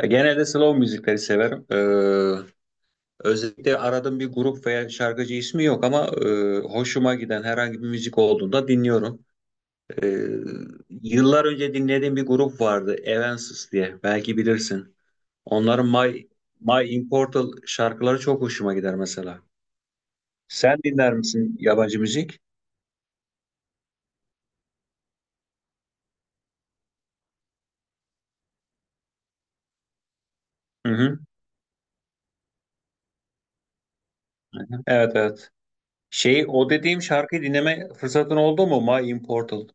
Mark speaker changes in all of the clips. Speaker 1: Ya genelde slow müzikleri severim. Özellikle aradığım bir grup veya şarkıcı ismi yok ama hoşuma giden herhangi bir müzik olduğunda dinliyorum. Ee, Yıllar önce dinlediğim bir grup vardı, Evanescence diye. Belki bilirsin. Onların My Immortal şarkıları çok hoşuma gider mesela. Sen dinler misin yabancı müzik? Hı hı. Hı hı. Evet, evet. Şey, o dediğim şarkıyı dinleme fırsatın oldu mu? My Immortal.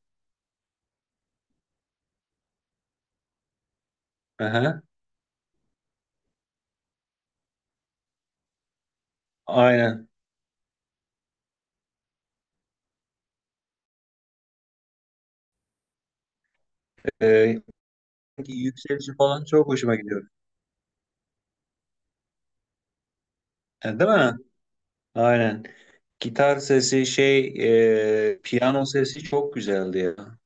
Speaker 1: Hı hı. Aynen. Ee, Yükselişi falan çok hoşuma gidiyor. Yani değil mi? Aynen. Gitar sesi şey, piyano sesi çok güzeldi ya.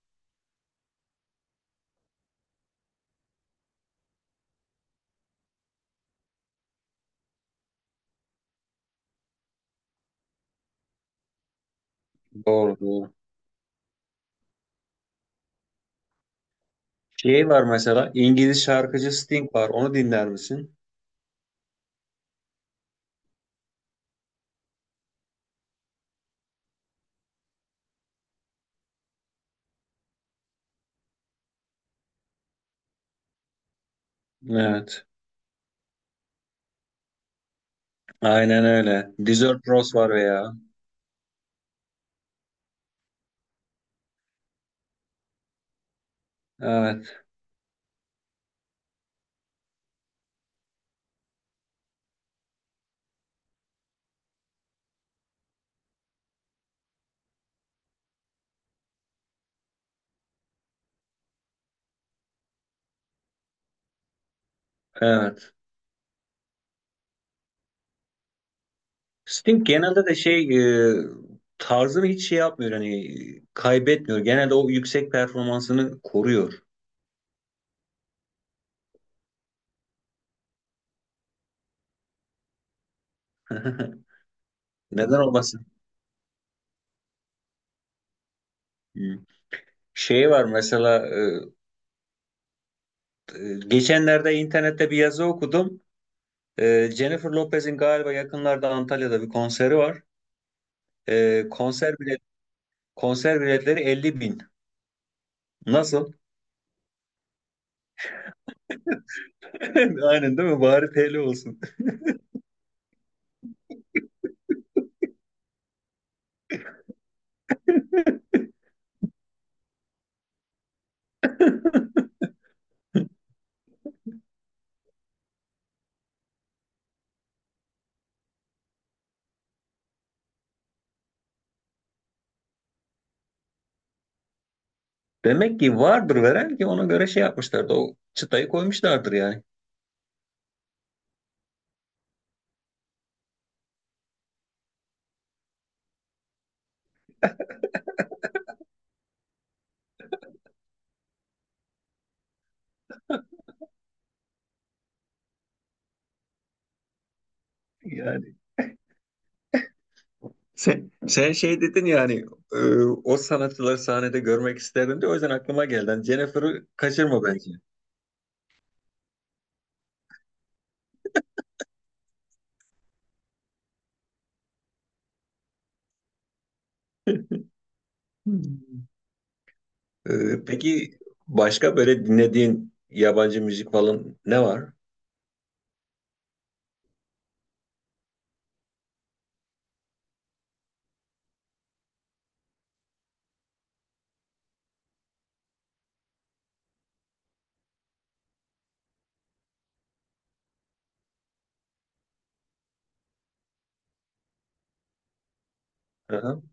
Speaker 1: Doğru, doğru. Şey var mesela, İngiliz şarkıcı Sting var. Onu dinler misin? Evet. Aynen öyle. Desert Rose var veya. Evet. Evet. Sting genelde de şey, e, tarzını hiç şey yapmıyor, hani kaybetmiyor. Genelde o yüksek performansını koruyor. Neden olmasın? Hı. Şey var mesela. Geçenlerde internette bir yazı okudum. Jennifer Lopez'in galiba yakınlarda Antalya'da bir konseri var. Konser konser biletleri 50 bin. Nasıl? Aynen değil mi? Bari TL olsun. Demek ki vardır veren ki ona göre şey yapmışlardı. O çıtayı koymuşlardır yani. Yani sen şey dedin yani, e, o sanatçıları sahnede görmek isterdim diye o yüzden aklıma geldi. Yani Jennifer'ı kaçırma bence. Hmm. Peki başka böyle dinlediğin yabancı müzik falan ne var? Hı hı.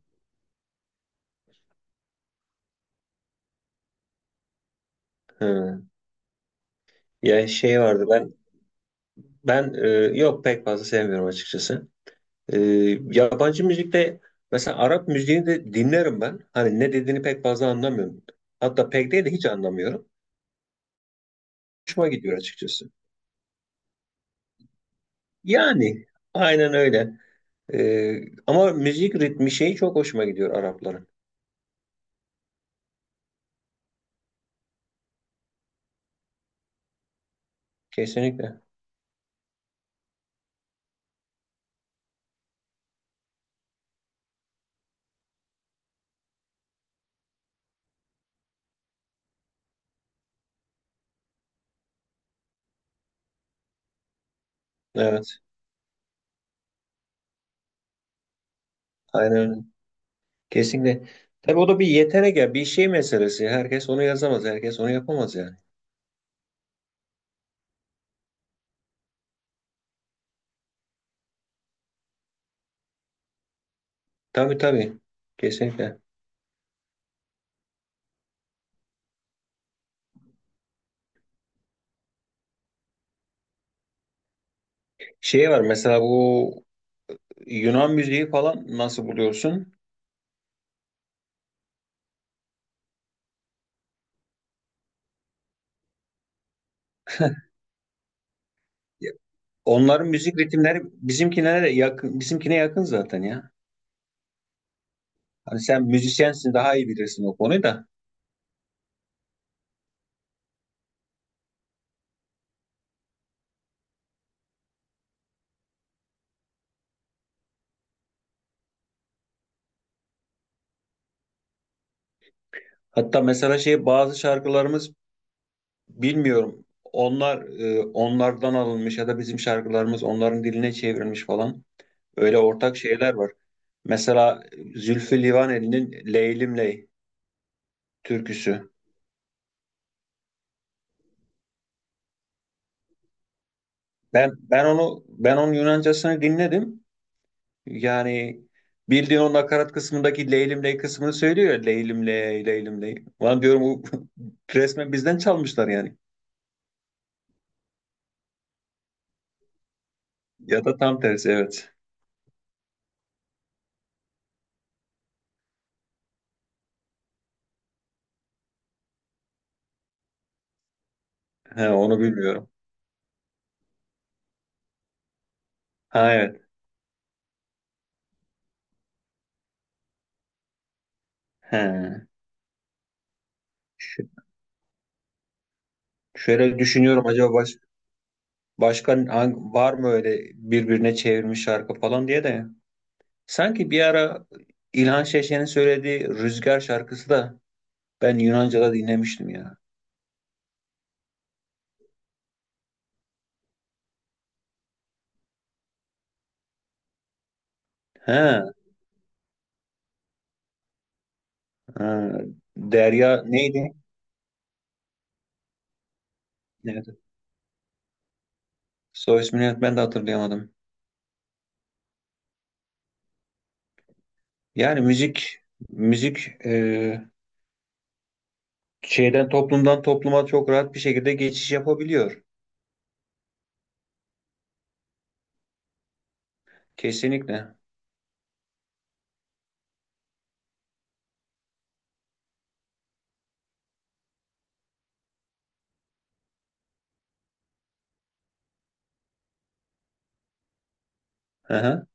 Speaker 1: Hı. Yani şey vardı, ben yok, pek fazla sevmiyorum açıkçası. Ee, Yabancı müzikte mesela Arap müziğini de dinlerim ben. Hani ne dediğini pek fazla anlamıyorum. Hatta pek değil de hiç anlamıyorum. Hoşuma gidiyor açıkçası. Yani aynen öyle. Ee, Ama müzik ritmi şeyi çok hoşuma gidiyor Arapların. Kesinlikle. Evet. Aynen öyle. Kesinlikle. Tabii o da bir yetenek ya, bir şey meselesi. Herkes onu yazamaz, herkes onu yapamaz yani. Tabii, tabii. Kesinlikle. Şey var mesela, bu Yunan müziği falan nasıl buluyorsun? Ya, onların müzik ritimleri bizimkine de yakın, bizimkine yakın zaten ya. Hani sen müzisyensin, daha iyi bilirsin o konuyu da. Hatta mesela şey, bazı şarkılarımız bilmiyorum. Onlar onlardan alınmış ya da bizim şarkılarımız onların diline çevrilmiş falan. Öyle ortak şeyler var. Mesela Zülfü Livaneli'nin Leylim Ley türküsü. Ben onun Yunancasını dinledim. Yani bildiğin o nakarat kısmındaki Leylim Ley kısmını söylüyor. Ya, Leylim Ley, Leylim Ley. Lan diyorum, bu resmen bizden çalmışlar yani. Ya da tam tersi, evet. He, onu bilmiyorum. Ha, evet. He. Ş- Şöyle düşünüyorum, acaba var mı öyle birbirine çevirmiş şarkı falan diye de. Sanki bir ara İlhan Şeşen'in söylediği Rüzgar şarkısı da ben Yunanca'da dinlemiştim ya. He, ha, Derya neydi? Neydi? Soy ismini ben de hatırlayamadım. Yani müzik şeyden, toplumdan topluma çok rahat bir şekilde geçiş yapabiliyor. Kesinlikle. Hı hı.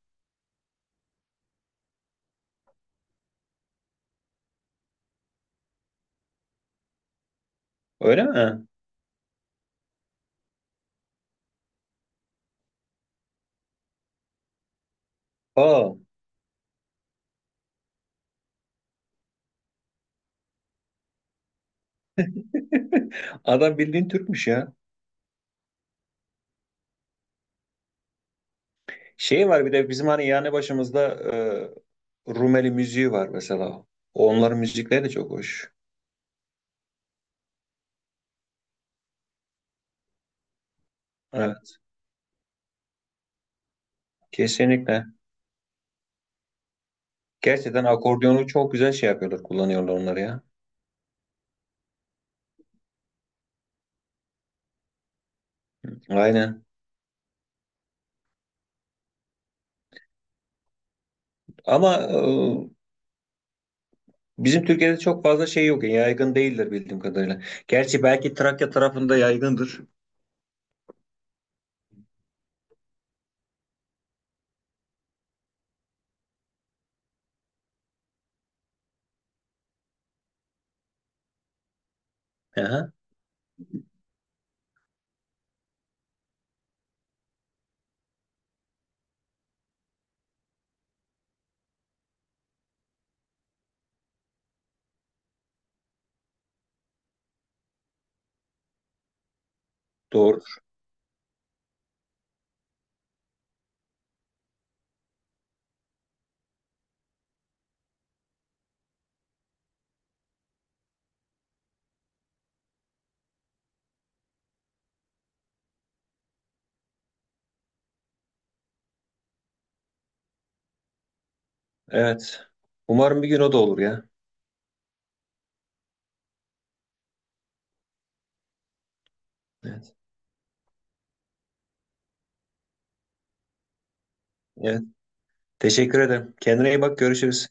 Speaker 1: Öyle mi? Aa, adam bildiğin Türkmüş ya. Şey var bir de, bizim hani yani başımızda Rumeli müziği var mesela. Onların müzikleri de çok hoş. Evet, kesinlikle. Gerçekten akordiyonu çok güzel şey yapıyorlar, kullanıyorlar onları ya. Aynen. Ama bizim Türkiye'de çok fazla şey yok. Yaygın değildir bildiğim kadarıyla. Gerçi belki Trakya tarafında yaygındır. Aha, doğrudur. Evet. Umarım bir gün o da olur ya. Evet. Evet. Teşekkür ederim. Kendine iyi bak. Görüşürüz.